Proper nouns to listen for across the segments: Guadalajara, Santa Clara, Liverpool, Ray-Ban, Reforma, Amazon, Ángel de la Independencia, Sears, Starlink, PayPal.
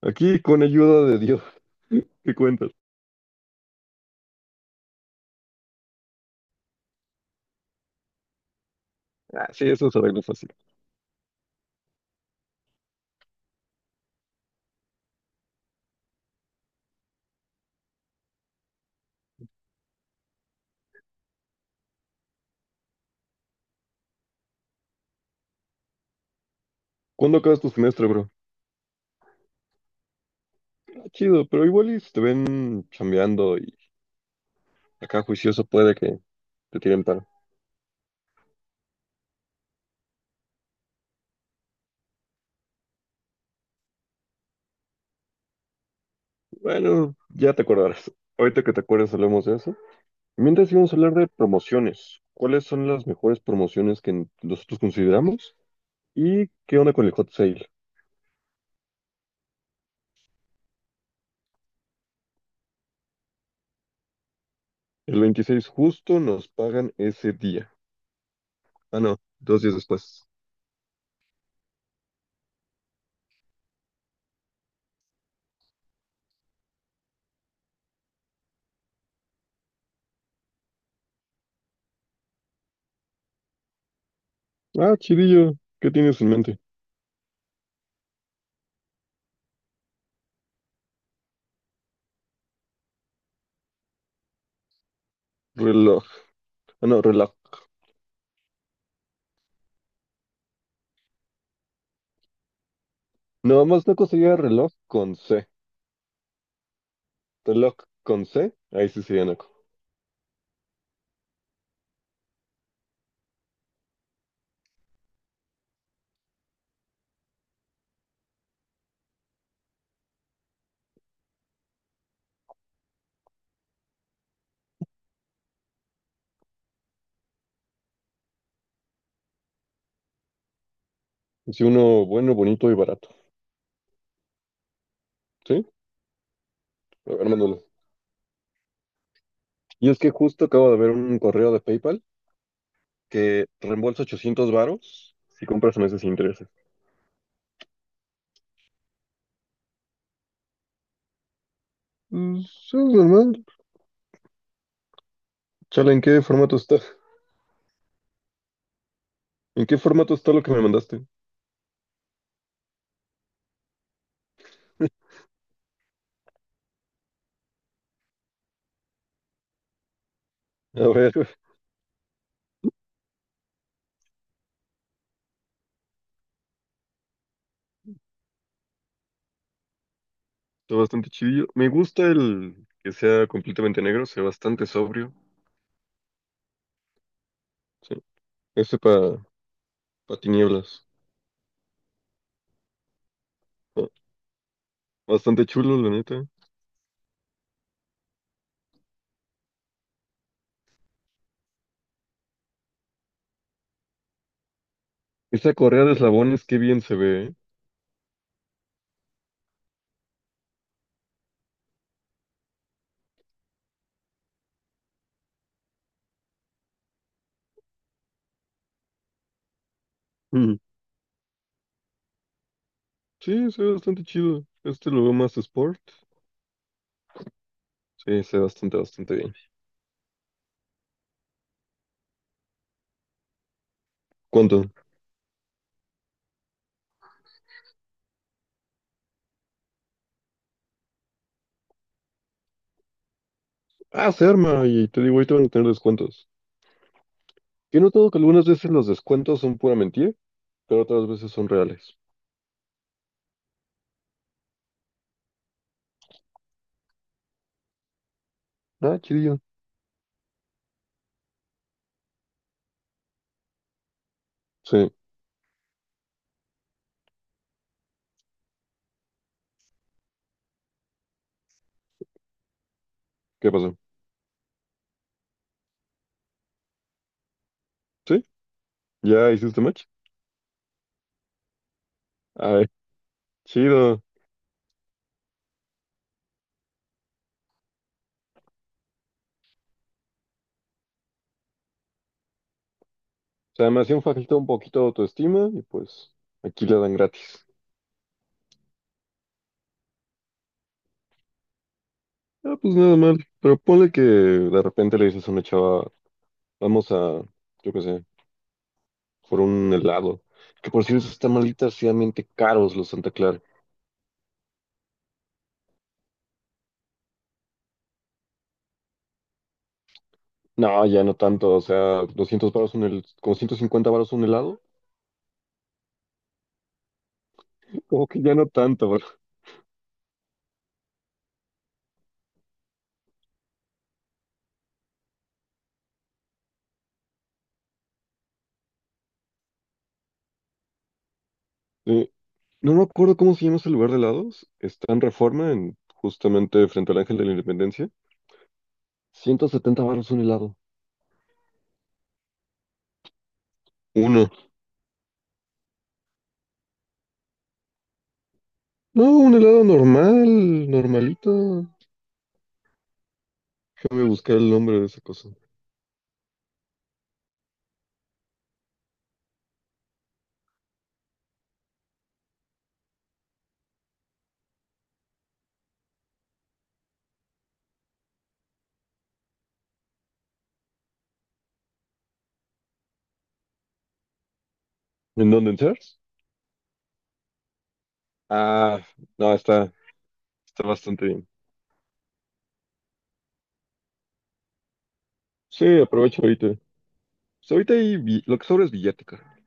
Aquí con ayuda de Dios, ¿qué cuentas? Ah, sí, eso se arregla fácil. ¿Cuándo acabas tu semestre, bro? Ah, chido, pero igual y si te ven chambeando y acá juicioso puede que te tiren paro. Bueno, ya te acordarás. Ahorita que te acuerdes hablamos de eso. Mientras íbamos a hablar de promociones. ¿Cuáles son las mejores promociones que nosotros consideramos? ¿Y qué onda con el hot sale? El 26 justo nos pagan ese día. Ah, no, dos días después. Ah, chidillo. ¿Qué tienes en mente? Reloj. Ah, no, reloj. Nada más Naco sería reloj con C. Reloj con C, ahí sí sería Naco. Sí, uno bueno, bonito y barato. ¿Sí? A ver, mándalo. Y es que justo acabo de ver un correo de PayPal que reembolsa 800 varos si compras meses sin intereses. Mm. Sí, es normal. ¿Chale, ¿en qué formato está? ¿En qué formato está lo que me mandaste? A ver, está bastante chidillo. Me gusta el que sea completamente negro, sea bastante sobrio. Sí. Ese para pa tinieblas. Ah, bastante chulo, la neta. Esa correa de eslabones, qué bien se ve, ¿eh? Mm. Sí, se ve bastante chido. Este lo veo más sport. Sí, se ve bastante, bastante bien. ¿Cuánto? Ah, se arma, y te digo, ahorita van a tener descuentos. Yo he notado que algunas veces los descuentos son pura mentira, pero otras veces son reales. Ah, chidillo. Sí, ¿qué pasó? ¿Sí? ¿Ya hiciste match? Ay, chido. O sea, me hacían falta un poquito de autoestima y pues aquí la dan gratis. Ah, pues nada mal. Pero ponle que de repente le dices a una chava, vamos a, yo qué sé, por un helado. Que por cierto, están malísimamente caros los Santa Clara. No, ya no tanto, o sea, 200 varos un helado, como 150 varos un helado, como que ya no tanto, bro. Eh, no me acuerdo cómo se llama ese lugar de helados, está en Reforma, en, justamente frente al Ángel de la Independencia, 170 varos un helado, uno. No, un helado normal, normalito, déjame buscar el nombre de esa cosa. ¿En dónde, en Sears? Ah, no, está, está bastante bien. Sí, aprovecho ahorita. Pues ahorita hay bi- lo que sobra es billete, carnal.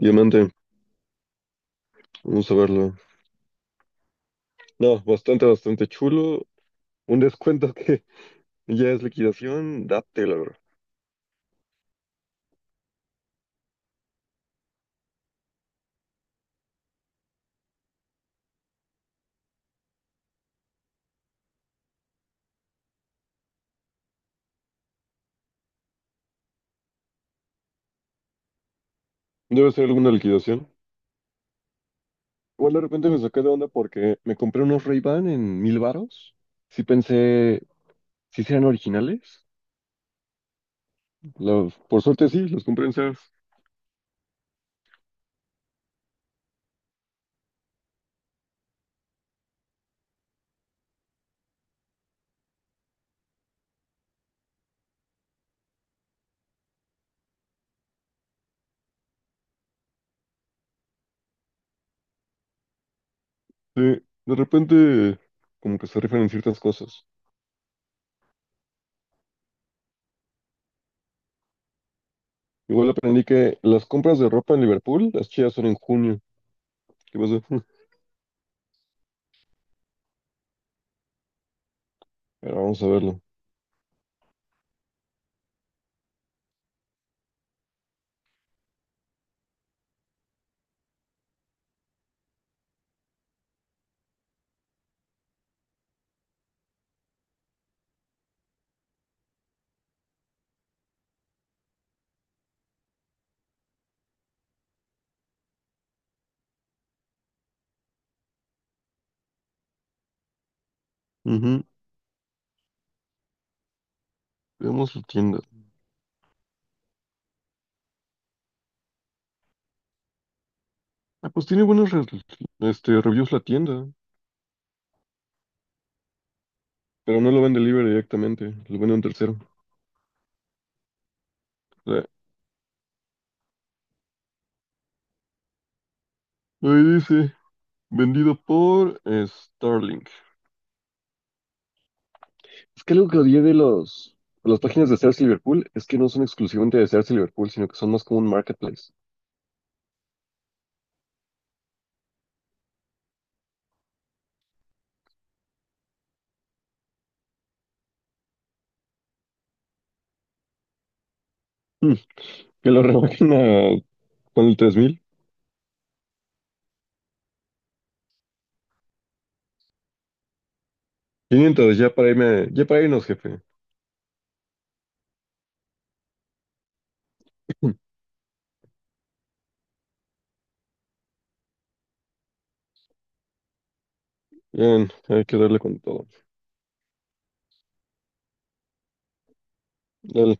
Diamante, vamos a verlo. No, bastante, bastante chulo. Un descuento que ya es liquidación, date, la verdad. Debe ser alguna liquidación. Igual de repente me saqué de onda porque me compré unos Ray-Ban en 1,000 varos. Sí pensé, si sí eran originales. Los- por suerte sí, los compré en Sears. Sí, de repente como que se rifan en ciertas cosas. Igual aprendí que las compras de ropa en Liverpool, las chidas son en junio. ¿Qué pasa? Pero vamos a verlo. Ujú. Veamos su tienda. Ah, pues tiene buenos reviews la tienda, pero no lo vende libre directamente, lo vende un tercero. O sea, ahí dice, vendido por Starlink. Es que algo que odié de las páginas de Sears Liverpool es que no son exclusivamente de Sears Liverpool, sino que son más como un marketplace. Mm, que lo rebajen a con el 3,500 ya para irme, ya para irnos, jefe. Hmm. Bien, hay que darle con todo. Dale.